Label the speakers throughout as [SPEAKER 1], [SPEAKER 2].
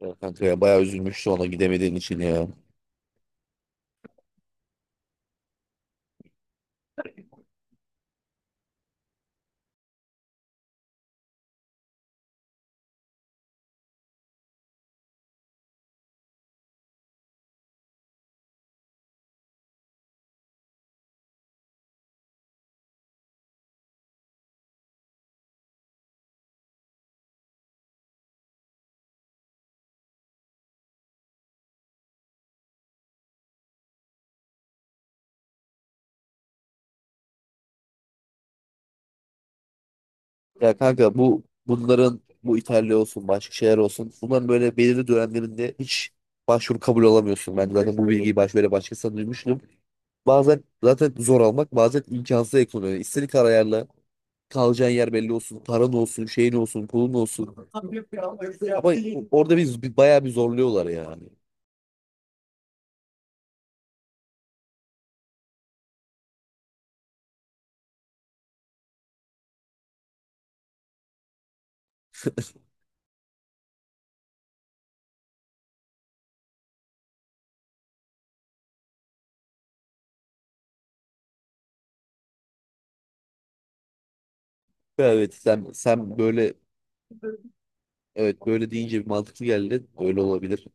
[SPEAKER 1] Ya kanka ya bayağı üzülmüştü ona gidemediğin için ya. Ya kanka bu bunların bu İtalya olsun başka şeyler olsun bunların böyle belirli dönemlerinde hiç başvuru kabul alamıyorsun. Ben zaten bu bilgiyi böyle başkasından duymuştum. Bazen zaten zor almak bazen imkansız ekonomi. İstediğin kadar ayarla. Kalacağın yer belli olsun. Paran olsun, şeyin olsun, pulun olsun. Ama orada biz bayağı bir zorluyorlar yani. Evet, sen böyle, evet, böyle deyince bir mantıklı geldi. Öyle olabilir.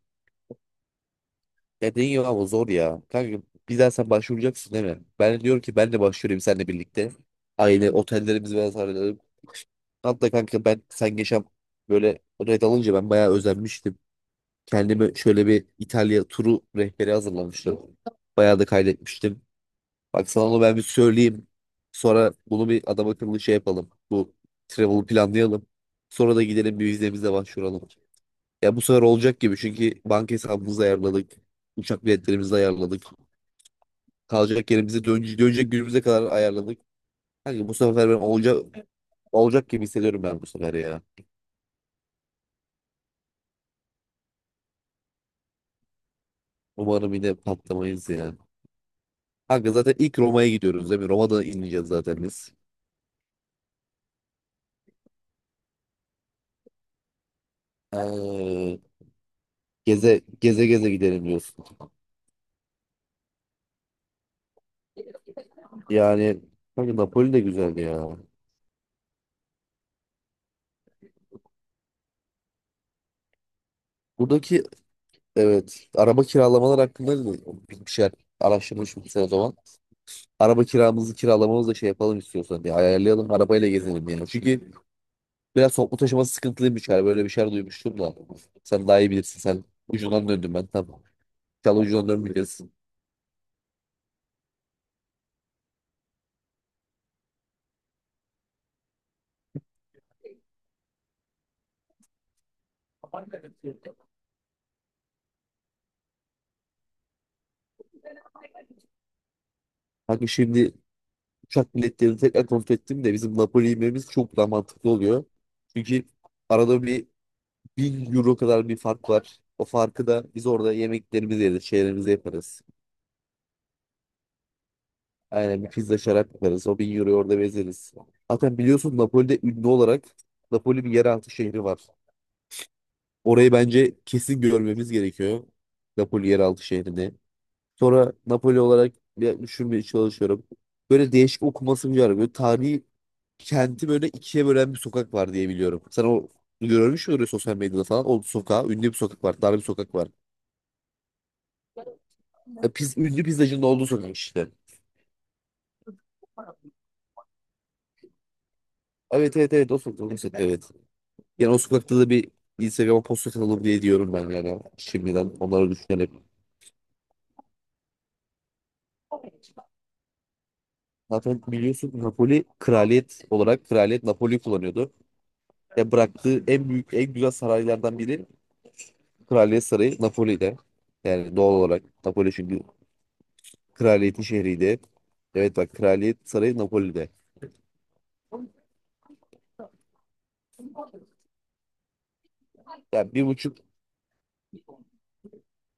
[SPEAKER 1] Dediğin ya, ama zor ya. Kanka bir daha sen başvuracaksın değil mi? Ben de diyorum ki ben de başvurayım seninle birlikte. Aynı otellerimizi ben ayarlayalım. Hatta kanka ben sen geçen böyle red alınca ben bayağı özenmiştim. Kendime şöyle bir İtalya turu rehberi hazırlamıştım. Bayağı da kaydetmiştim. Bak, sana onu ben bir söyleyeyim. Sonra bunu bir adam akıllı şey yapalım. Bu travel'ı planlayalım. Sonra da gidelim bir vizemize başvuralım. Ya bu sefer olacak gibi, çünkü banka hesabımızı ayarladık. Uçak biletlerimizi ayarladık. Kalacak yerimizi, dönecek, dönecek günümüze kadar ayarladık. Kanka bu sefer ben olacak olacak gibi hissediyorum ben bu sefer ya. Umarım yine patlamayız ya. Kanka zaten ilk Roma'ya gidiyoruz değil mi? Roma'da ineceğiz zaten biz. Ee, Geze geze geze gidelim diyorsun. Yani kanka Napoli de güzel ya. Buradaki, evet, araba kiralamalar hakkında da bir şeyler araştırmış mısın o zaman? Araba kiramızı kiralamamızı da şey yapalım, istiyorsan bir ayarlayalım, arabayla gezelim yani. Çünkü biraz toplu taşıması sıkıntılıymış galiba. Böyle bir şeyler duymuştum da. Sen daha iyi bilirsin. Sen ucundan döndüm ben. Tamam. İnşallah ucundan dönmeyeceksin. Kanka şimdi uçak biletlerini tekrar kontrol ettim de bizim Napoli inmemiz çok daha mantıklı oluyor. Çünkü arada bir 1.000 euro kadar bir fark var. O farkı da biz orada yemeklerimizi yeriz, şeylerimizi yaparız. Aynen, bir pizza şarap yaparız. O 1.000 euroyu orada bezeriz. Zaten biliyorsun Napoli'de ünlü olarak Napoli bir yeraltı şehri var. Orayı bence kesin görmemiz gerekiyor. Napoli yeraltı şehrini. Sonra Napoli olarak bir düşünmeye çalışıyorum. Böyle değişik okumasını var. Böyle tarihi kenti böyle ikiye bölen bir sokak var diye biliyorum. Sen o görmüş müydün sosyal medyada falan? O sokağa ünlü bir sokak var. Dar bir sokak var. Ünlü pizzacının olduğu sokak işte. Evet, evet, evet, o sokak. O sokak, evet. Yani o sokakta da bir Instagram'a post atalım diye diyorum ben yani. Şimdiden onları düşünerek. Zaten biliyorsun Napoli kraliyet olarak kraliyet Napoli kullanıyordu. Ya bıraktığı en büyük en güzel saraylardan biri Kraliyet Sarayı Napoli'de. Yani doğal olarak Napoli, çünkü kraliyetin şehriydi. Evet bak, Kraliyet Sarayı Napoli'de. Yani bir buçuk,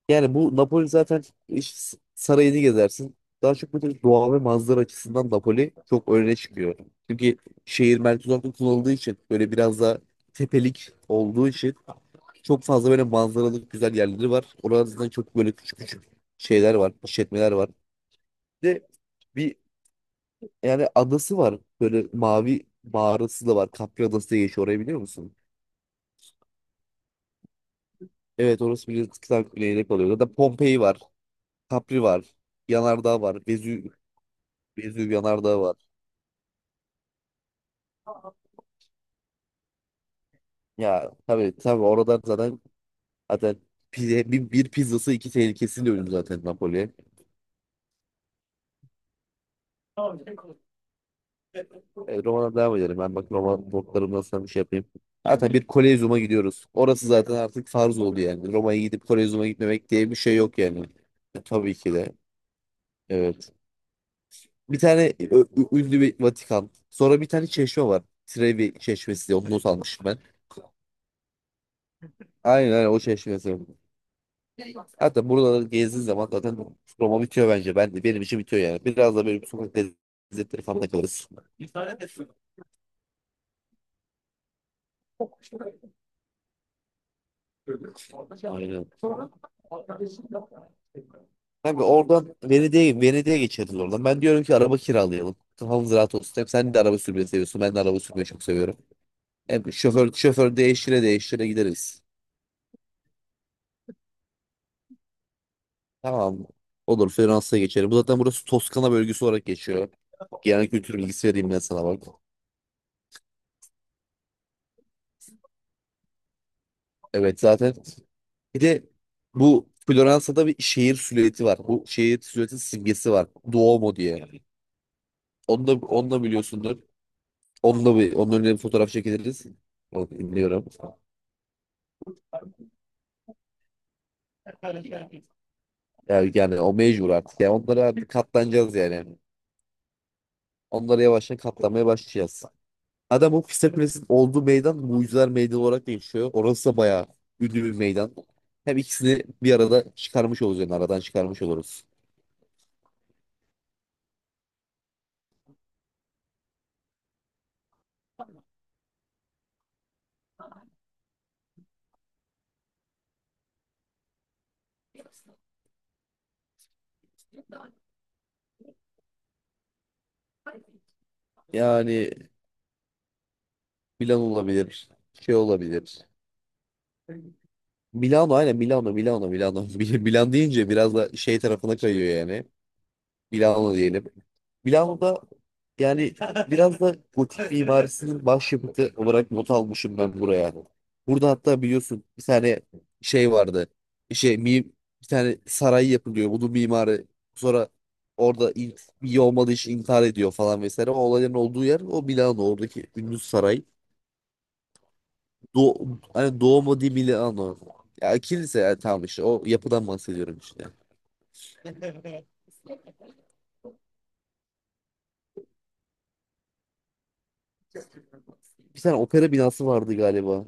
[SPEAKER 1] yani bu Napoli zaten iş sarayını gezersin. Daha çok böyle doğa ve manzara açısından Napoli çok öne çıkıyor. Çünkü şehir merkez olarak kullanıldığı için, böyle biraz da tepelik olduğu için, çok fazla böyle manzaralı güzel yerleri var. Oralarda çok böyle küçük küçük şeyler var, işletmeler var. Bir de yani adası var. Böyle mavi mağarası da var. Capri Adası diye geçiyor. Orayı biliyor musun? Evet, orası bir kıta güneyde kalıyor. Zaten Pompei var. Capri var. Yanardağ var. Vezüv, Vezüv Yanardağ var. Ya tabii tabii oradan zaten zaten bir pizzası iki tehlikesiyle ölüm zaten Napoli'ye. Roma'dan devam edelim. Ben bak Roma notlarımdan sana bir şey yapayım. Zaten bir Kolezyum'a gidiyoruz. Orası zaten artık farz oldu yani. Roma'ya gidip Kolezyum'a gitmemek diye bir şey yok yani. Tabii ki de. Evet. Bir tane ünlü bir Vatikan. Sonra bir tane çeşme var. Trevi çeşmesi diye onu not almıştım ben. Aynen aynen o çeşmesi. Hatta buraları gezdiğin zaman zaten Roma bitiyor bence. Ben de, benim için bitiyor yani. Biraz da böyle bir sokak lezzetleri falan da kalırız. Aynen. Kanka oradan Venedik'e geçeriz oradan. Ben diyorum ki araba kiralayalım. Kafamız rahat olsun. Hem sen de araba sürmeyi seviyorsun, ben de araba sürmeyi çok seviyorum. Hem şoför şoför değiştire değiştire gideriz. Tamam. Olur, Fransa'ya geçelim. Bu zaten burası Toskana bölgesi olarak geçiyor. Genel kültür bilgisi vereyim ben sana bak. Evet zaten. Bir de bu Floransa'da bir şehir silüeti var. Bu şehir silüeti simgesi var. Duomo diye. Onu da biliyorsundur. Onunla onun önüne bir fotoğraf çekiliriz. Onu biliyorum. Yani, o mecbur artık. Yani onlara artık katlanacağız yani. Onlara yavaştan katlanmaya başlayacağız. Adam, o Pisa Kulesi'nin olduğu meydan Mucizeler Meydanı olarak değişiyor. Orası da bayağı ünlü bir meydan. Hem ikisini bir arada çıkarmış olacağız yani, aradan çıkarmış oluruz. Yani Milan olabilir. Şey olabilir. Milano, aynen, Milano Milano Milano. Milan deyince biraz da şey tarafına kayıyor yani. Milano diyelim. Milano'da, yani, biraz da gotik mimarisinin başyapıtı olarak not almışım ben buraya. Burada hatta biliyorsun bir tane şey vardı. Şey mi, bir tane saray yapılıyor. Bunun mimarı sonra orada ilk iyi olmadığı için intihar ediyor falan vesaire. O olayların olduğu yer o Milano oradaki ünlü saray. Do Hani Duomo di Milano. Ya kilise ya, tamam işte o yapıdan bahsediyorum işte. Bir tane opera binası vardı galiba.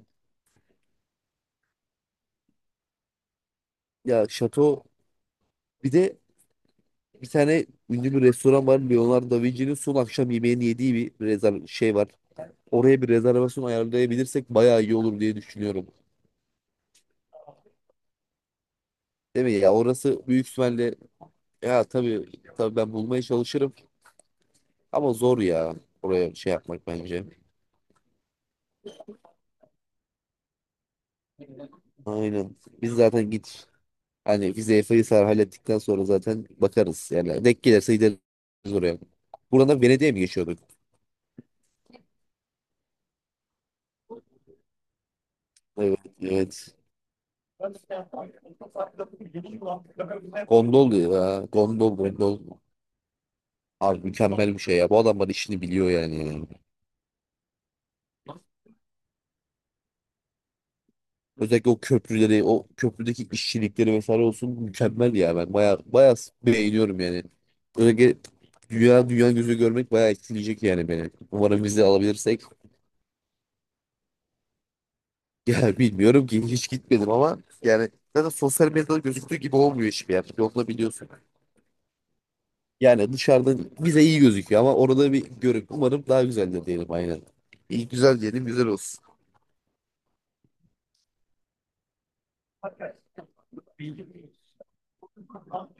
[SPEAKER 1] Ya şato, bir de bir tane ünlü bir restoran var. Leonardo da Vinci'nin son akşam yemeğini yediği bir rezerv şey var. Oraya bir rezervasyon ayarlayabilirsek bayağı iyi olur diye düşünüyorum. Değil mi ya, orası büyük ihtimalle. Ya tabii, tabii ben bulmaya çalışırım ama zor ya oraya şey yapmak bence. Aynen. Biz zaten git, hani vizeyi Faysal hallettikten sonra zaten bakarız. Yani denk gelirse gideriz oraya. Buradan da Venedik'e mi geçiyorduk? Evet, evet. Gondol ya. Gondol, gondol. Abi mükemmel bir şey ya. Bu adamlar işini biliyor yani. Özellikle o köprüleri, o köprüdeki işçilikleri vesaire olsun mükemmel ya. Ben baya baya beğeniyorum yani. Özellikle dünya gözü görmek bayağı etkileyecek yani beni. Umarım vize alabilirsek. Yani bilmiyorum ki, hiç gitmedim ama yani zaten sosyal medyada gözüktüğü gibi olmuyor hiçbir yer. Yolda biliyorsun. Yani dışarıdan bize iyi gözüküyor ama orada bir görün. Umarım daha güzeldir diyelim, aynen. İyi güzel diyelim, güzel olsun.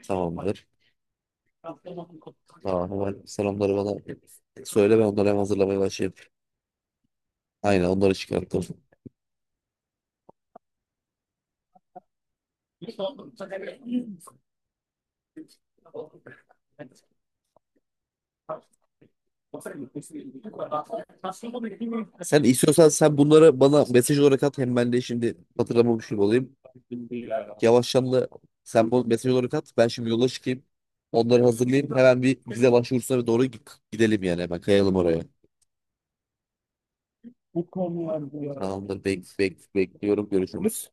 [SPEAKER 1] Tamamdır. Tamam, hemen selamları bana söyle, ben onları hem hazırlamaya başlayayım. Aynen, onları çıkarttım. Sen istiyorsan sen bunları bana mesaj olarak at. Hem ben de şimdi hatırlamamış gibi olayım. Yavaştan da sen bu mesaj olarak at. Ben şimdi yola çıkayım. Onları hazırlayayım. Hemen bir vize başvurusuna doğru gidelim yani. Hemen kayalım oraya. Tamamdır. Bekliyorum. Görüşürüz.